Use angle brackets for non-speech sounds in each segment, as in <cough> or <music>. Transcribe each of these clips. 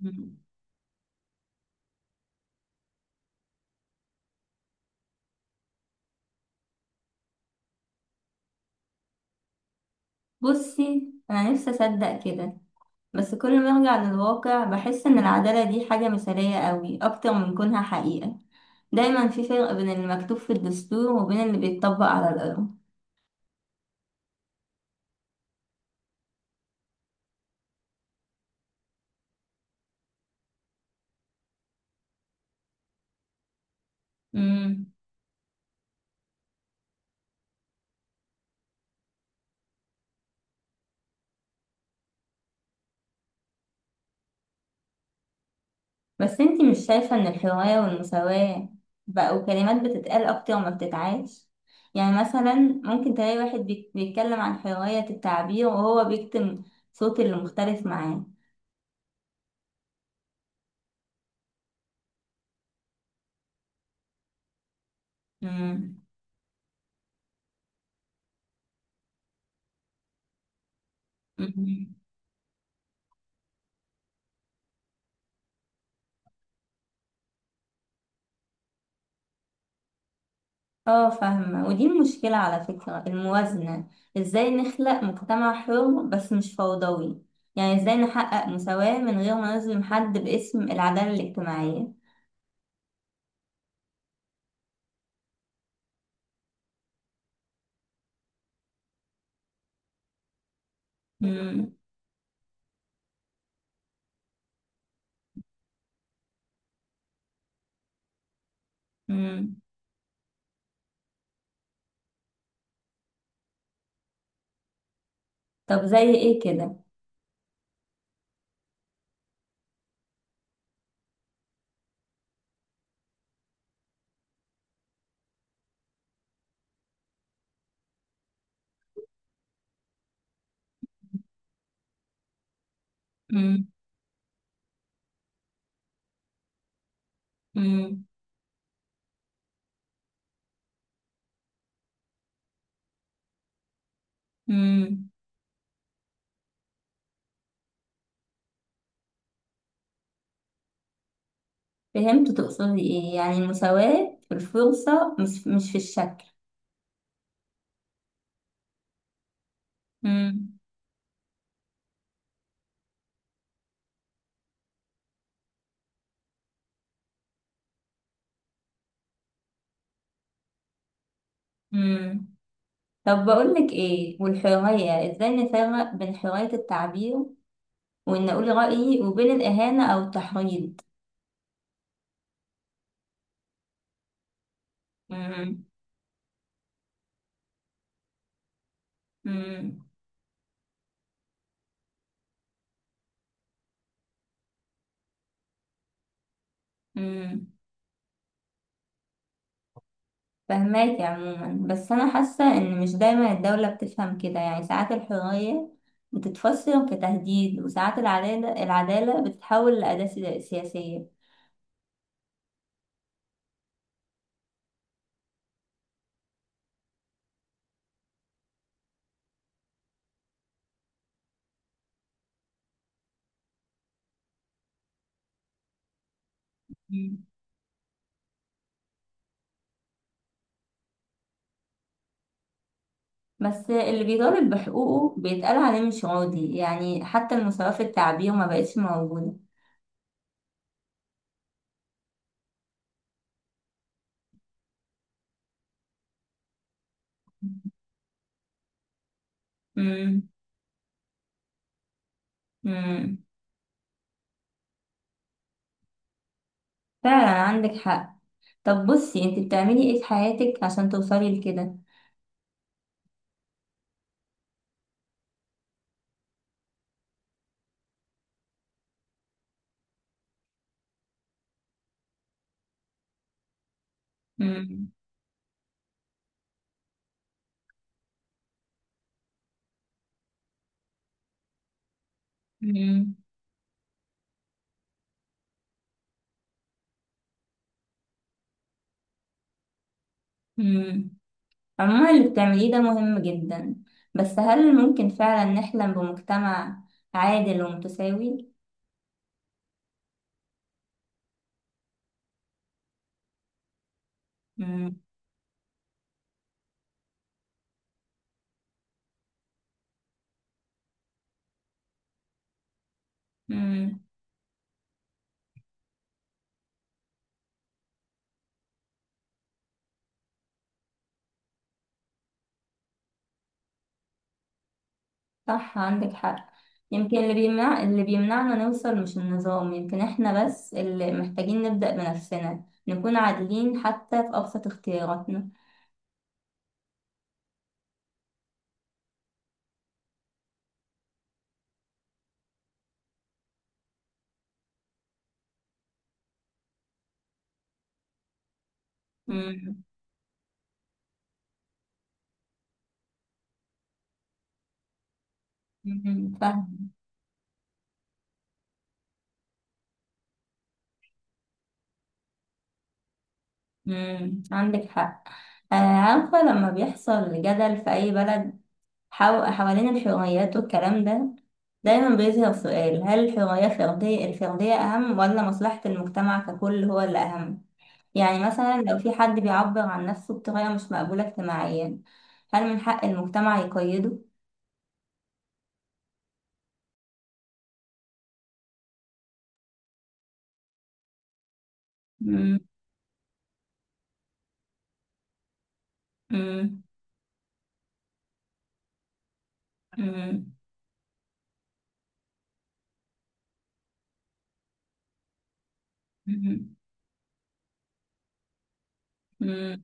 مم. بصي أنا نفسي أصدق كده. بس كل ما أرجع للواقع بحس إن العدالة دي حاجة مثالية قوي أكتر من كونها حقيقة. دايما في فرق بين المكتوب في الدستور وبين اللي بيتطبق على الأرض. مم. بس أنتي مش شايفة إن الحرية والمساواة بقوا كلمات بتتقال أكتر ما بتتعاش؟ يعني مثلا ممكن تلاقي واحد بيتكلم عن حرية التعبير وهو بيكتم صوت اللي مختلف معاه. مم. اه فاهمة، ودي المشكلة على فكرة، الموازنة. ازاي نخلق مجتمع حر بس مش فوضوي؟ يعني ازاي نحقق مساواة من غير ما نظلم حد باسم العدالة الاجتماعية؟ مم. مم. طب زي ايه كده؟ مم. مم. مم. فهمت تقصدي ايه، يعني المساواة في الفرصة، مش في الشكل. مم. مم. طب بقولك ايه، والحرية ازاي نفرق بين حرية التعبير وان اقول رأيي وبين الاهانة او التحريض؟ مم. مم. مم. فهماكي عموما، بس أنا حاسة إن مش دايما الدولة بتفهم كده. يعني ساعات الحرية بتتفسر كتهديد، وساعات العدالة بتتحول لأداة سياسية. مم. بس اللي بيطالب بحقوقه بيتقال عليه مش راضي، يعني حتى المساواة في التعبير ما بقتش موجودة. مم. مم. فعلا عندك حق. طب بصي، انت بتعملي ايه في حياتك عشان توصلي لكده؟ مم. مم. مم. عموما اللي بتعمليه ده مهم جدا، بس هل ممكن فعلا نحلم بمجتمع عادل ومتساوي؟ مم. مم. صح عندك حق. يمكن اللي بيمنع، اللي بيمنعنا نوصل مش النظام، يمكن احنا بس اللي محتاجين نبدأ بنفسنا، نكون عادلين حتى في أبسط اختياراتنا. مم. مم. فاهم. مم. عندك حق. آه، عارفة لما بيحصل جدل في أي بلد حوالين الحريات والكلام ده، دايما بيظهر سؤال: هل الحرية الفردية أهم ولا مصلحة المجتمع ككل هو اللي أهم؟ يعني مثلا لو في حد بيعبر عن نفسه بطريقة مش مقبولة اجتماعيا، هل من حق المجتمع يقيده؟ مم، مم، مم، مم، مم.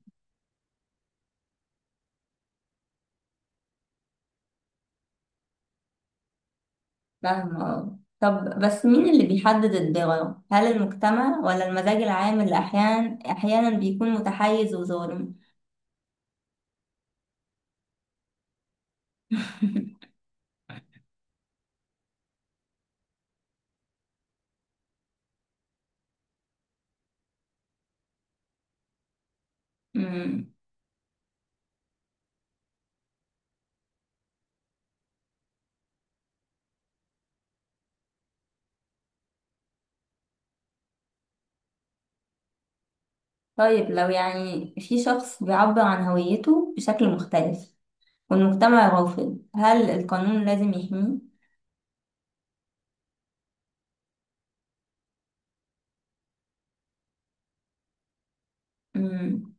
فاهمة آه. طب بس مين اللي بيحدد الضرر؟ هل المجتمع ولا المزاج العام، اللي أحيانا بيكون متحيز وظالم؟ <laughs> مم. طيب لو يعني في شخص بيعبر عن هويته بشكل مختلف والمجتمع رافض، هل القانون لازم يحميه؟ مم،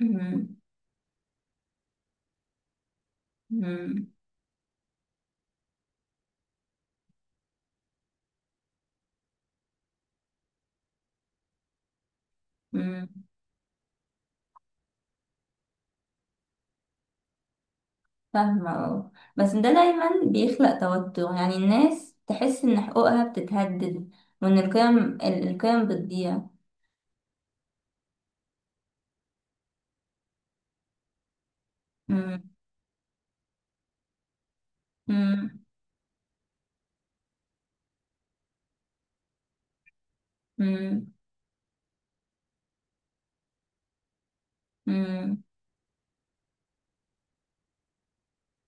مم، مم، مم. فاهمة اه. بس ده دايما بيخلق توتر، يعني الناس تحس إن حقوقها بتتهدد وإن القيم بتضيع. مم، مم، مم، مم،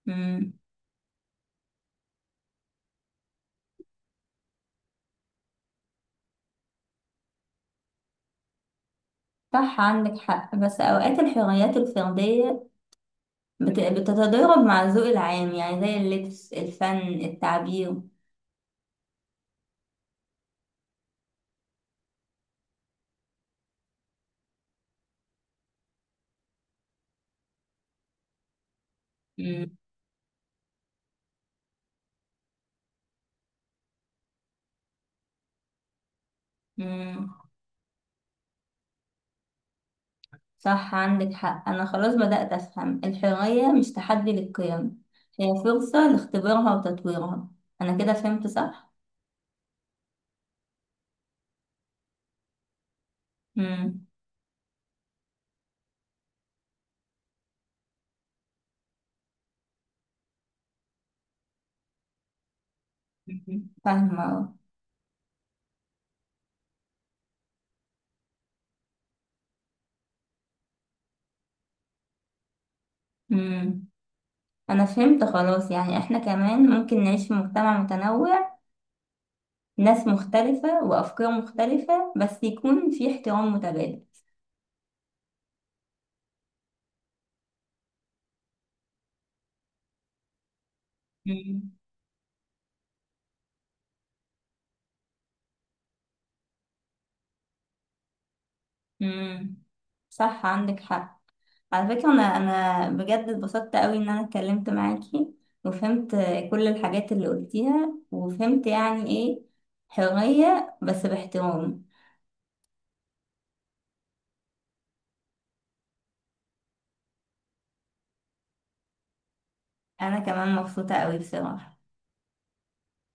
مم. صح عندك حق. بس أوقات الحريات الفردية بتتضارب مع الذوق العام، يعني زي اللبس، الفن، التعبير. مم. مم. صح عندك حق. أنا خلاص بدأت أفهم الحرية مش تحدي للقيم، هي فرصة لاختبارها وتطويرها. أنا كده فهمت صح؟ مم. مم. فاهمة أهو. مم. أنا فهمت خلاص، يعني إحنا كمان ممكن نعيش في مجتمع متنوع، ناس مختلفة وأفكار مختلفة، بس يكون في احترام متبادل. مم. مم. صح عندك حق. على فكرة أنا بجد اتبسطت قوي إن أنا اتكلمت معاكي، وفهمت كل الحاجات اللي قلتيها، وفهمت يعني إيه حرية بس باحترام. أنا كمان مبسوطة قوي بصراحة.